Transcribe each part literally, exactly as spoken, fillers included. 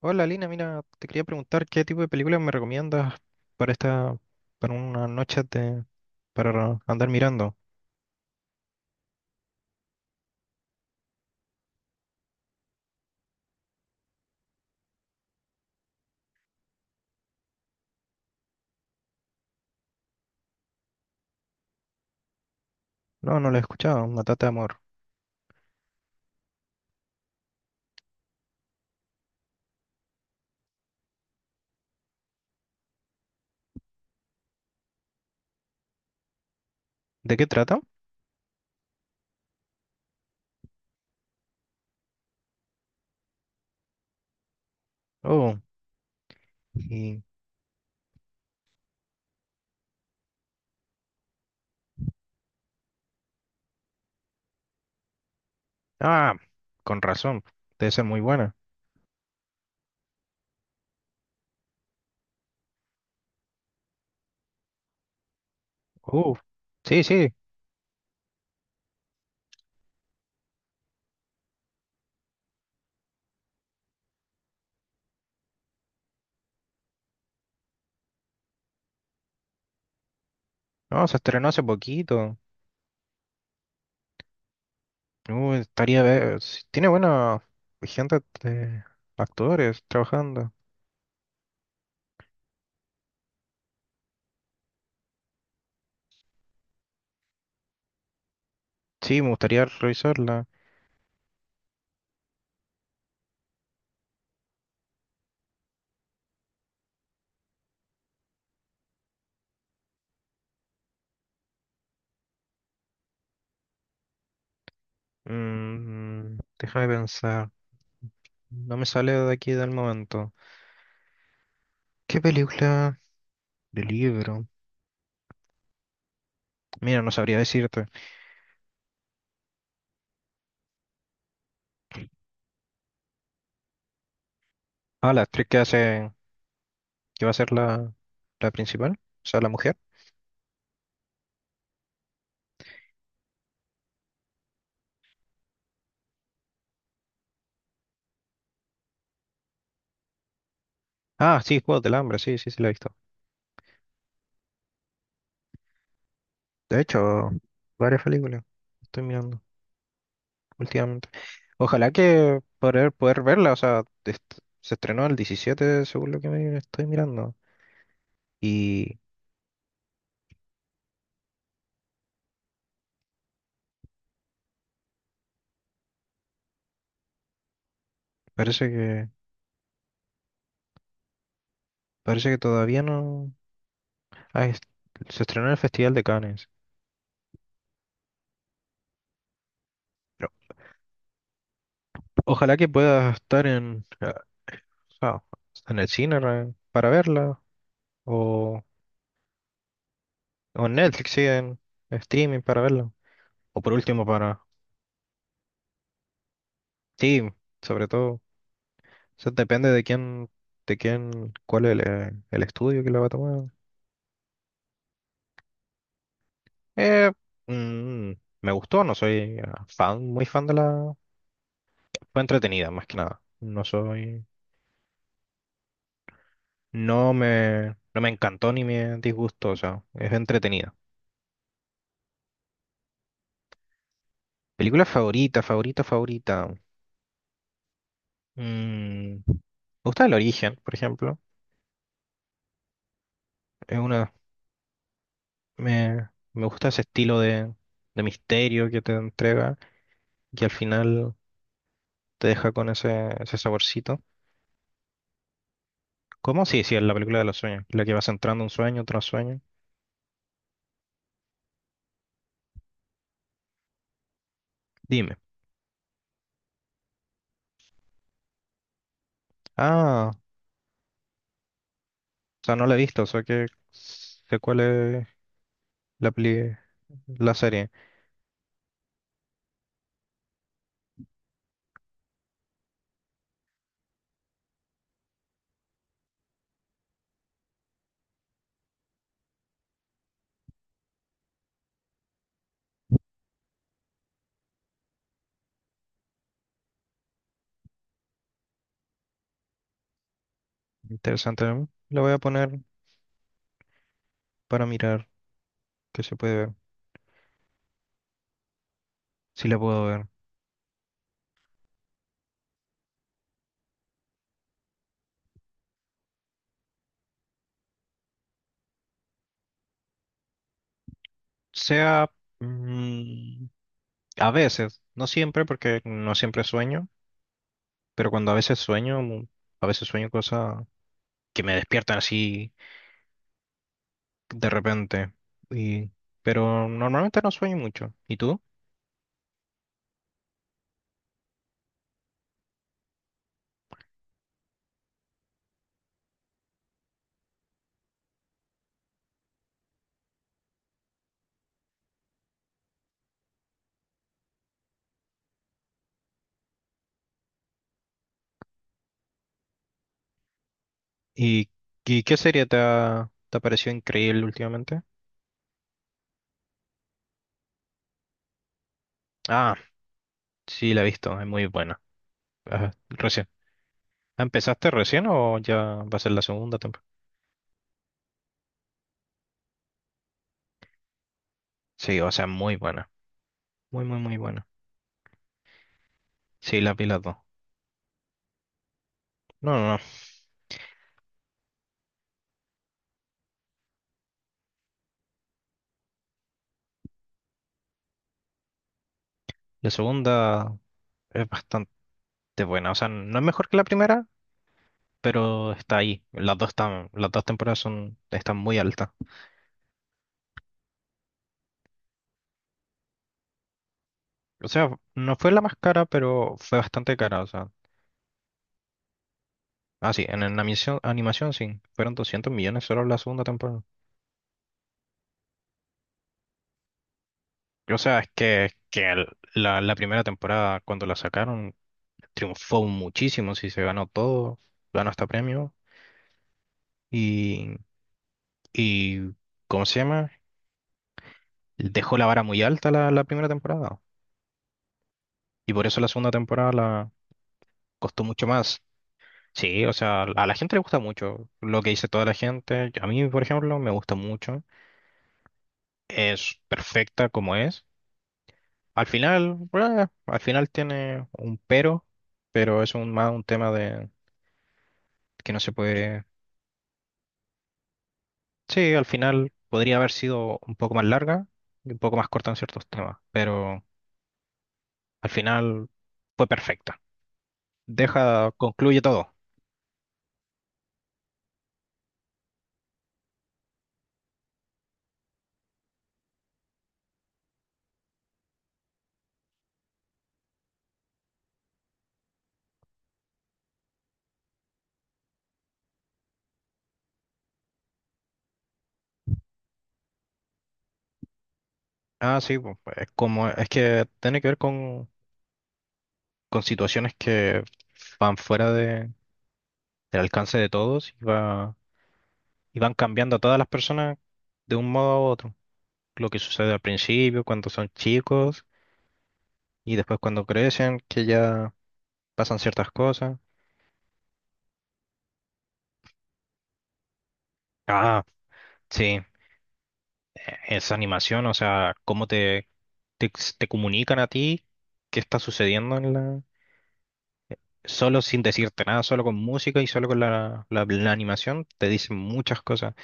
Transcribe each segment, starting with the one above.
Hola Lina, mira, te quería preguntar qué tipo de películas me recomiendas para esta, para una noche de, para andar mirando. No, no la he escuchado, Una Matate de Amor. ¿De qué trata? Oh, y, ah, con razón, debe ser muy buena. Uh, sí, sí, no, se estrenó hace poquito. Uh, estaría, ver, si tiene buena gente de actores trabajando. Sí, me gustaría revisarla. Mm, déjame pensar, no me sale de aquí del momento. ¿Qué película de libro? Mira, no sabría decirte. Ah, la actriz que hace, que va a ser la, la principal, o sea, la mujer. Ah, sí, Juegos del Hambre, sí, sí, sí, la he visto. De hecho, varias películas estoy mirando últimamente. Ojalá que poder, poder verla, o sea, est- se estrenó el diecisiete, según lo que me estoy mirando. Y parece que, parece que todavía no... ah, es- se estrenó en el Festival de Cannes. Pero ojalá que pueda estar en... O sea, está en el cine re- para verla, o, o en Netflix, sí, en streaming para verla. O por último para Steam, sobre todo. O sea, depende de quién, de quién, cuál es el, eh, el estudio que la va a tomar. Eh, mm, me gustó, no soy eh, fan, muy fan de la... Fue entretenida, más que nada. No soy... No me, no me encantó ni me disgustó, o sea, es entretenida. Película favorita, favorita, favorita. Mm, me gusta El Origen, por ejemplo. Es una, me, me gusta ese estilo de, de misterio que te entrega y que al final te deja con ese, ese saborcito. ¿Cómo? Sí, sí, es la película de los sueños, la que vas entrando un sueño tras sueño. Dime. Ah, o sea, no la he visto, o sea que sé cuál es la peli, la serie. Interesante. ¿No? La voy a poner para mirar que se puede ver, si la puedo ver. Sea mm, a veces, no siempre, porque no siempre sueño. Pero cuando a veces sueño, a veces sueño cosas que me despiertan así de repente. Y, pero normalmente no sueño mucho. ¿Y tú? ¿Y, y qué serie te ha, te ha parecido increíble últimamente? Ah, sí, la he visto, es muy buena. Ajá, recién. ¿Empezaste recién o ya va a ser la segunda temporada? Sí, o sea, muy buena. Muy, muy, muy buena. Sí, la vi las dos. No, no, no. La segunda es bastante buena. O sea, no es mejor que la primera, pero está ahí. Las dos están, las dos temporadas son, están muy altas. O sea, no fue la más cara, pero fue bastante cara. O sea, ah, sí, en, en animación, animación sí, fueron doscientos millones solo la segunda temporada. O sea, es que, que el- la, la primera temporada, cuando la sacaron, triunfó muchísimo, sí, se ganó todo, ganó hasta premio. Y, y ¿cómo se llama? Dejó la vara muy alta la, la primera temporada. Y por eso la segunda temporada la costó mucho más. Sí, o sea, a la gente le gusta mucho lo que dice toda la gente. A mí, por ejemplo, me gusta mucho. Es perfecta como es. Al final, eh, al final tiene un pero, pero es un, más un tema de que no se puede. Sí, al final podría haber sido un poco más larga y un poco más corta en ciertos temas, pero al final fue perfecta. Deja, concluye todo. Ah, sí, pues, es como es que tiene que ver con, con situaciones que van fuera del alcance de todos y va, y van cambiando a todas las personas de un modo a otro. Lo que sucede al principio, cuando son chicos y después cuando crecen, que ya pasan ciertas cosas. Ah, sí, e- esa animación, o sea, cómo te, te, te comunican a ti qué está sucediendo en la... Solo sin decirte nada, solo con música y solo con la, la, la animación, te dicen muchas cosas.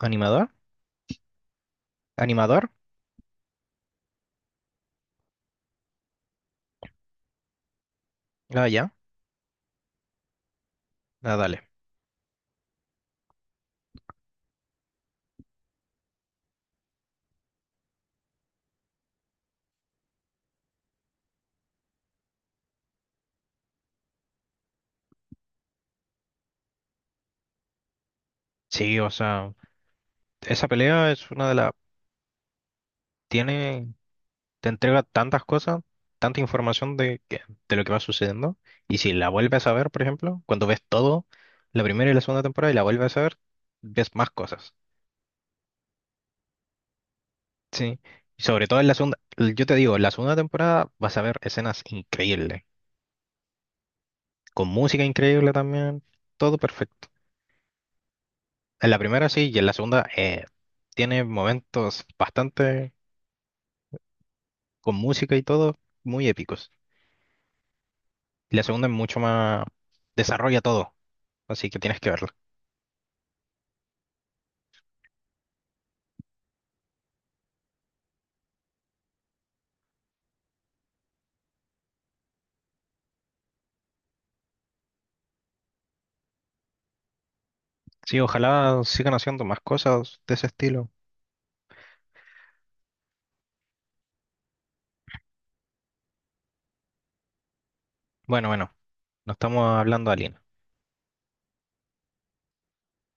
¿Animador? ¿Animador? Ah, ya. Ah, dale. Sí, o sea, esa pelea es una de las tiene, te entrega tantas cosas, tanta información de, que- de lo que va sucediendo. Y si la vuelves a ver, por ejemplo, cuando ves todo, la primera y la segunda temporada, y la vuelves a ver, ves más cosas. Sí. Y sobre todo en la segunda, yo te digo, en la segunda temporada vas a ver escenas increíbles, con música increíble también, todo perfecto. En la primera sí, y en la segunda eh, tiene momentos bastante con música y todo, muy épicos. Y la segunda es mucho más, desarrolla todo, así que tienes que verlo. Sí, ojalá sigan haciendo más cosas de ese estilo. Bueno, bueno, no estamos hablando de Alien.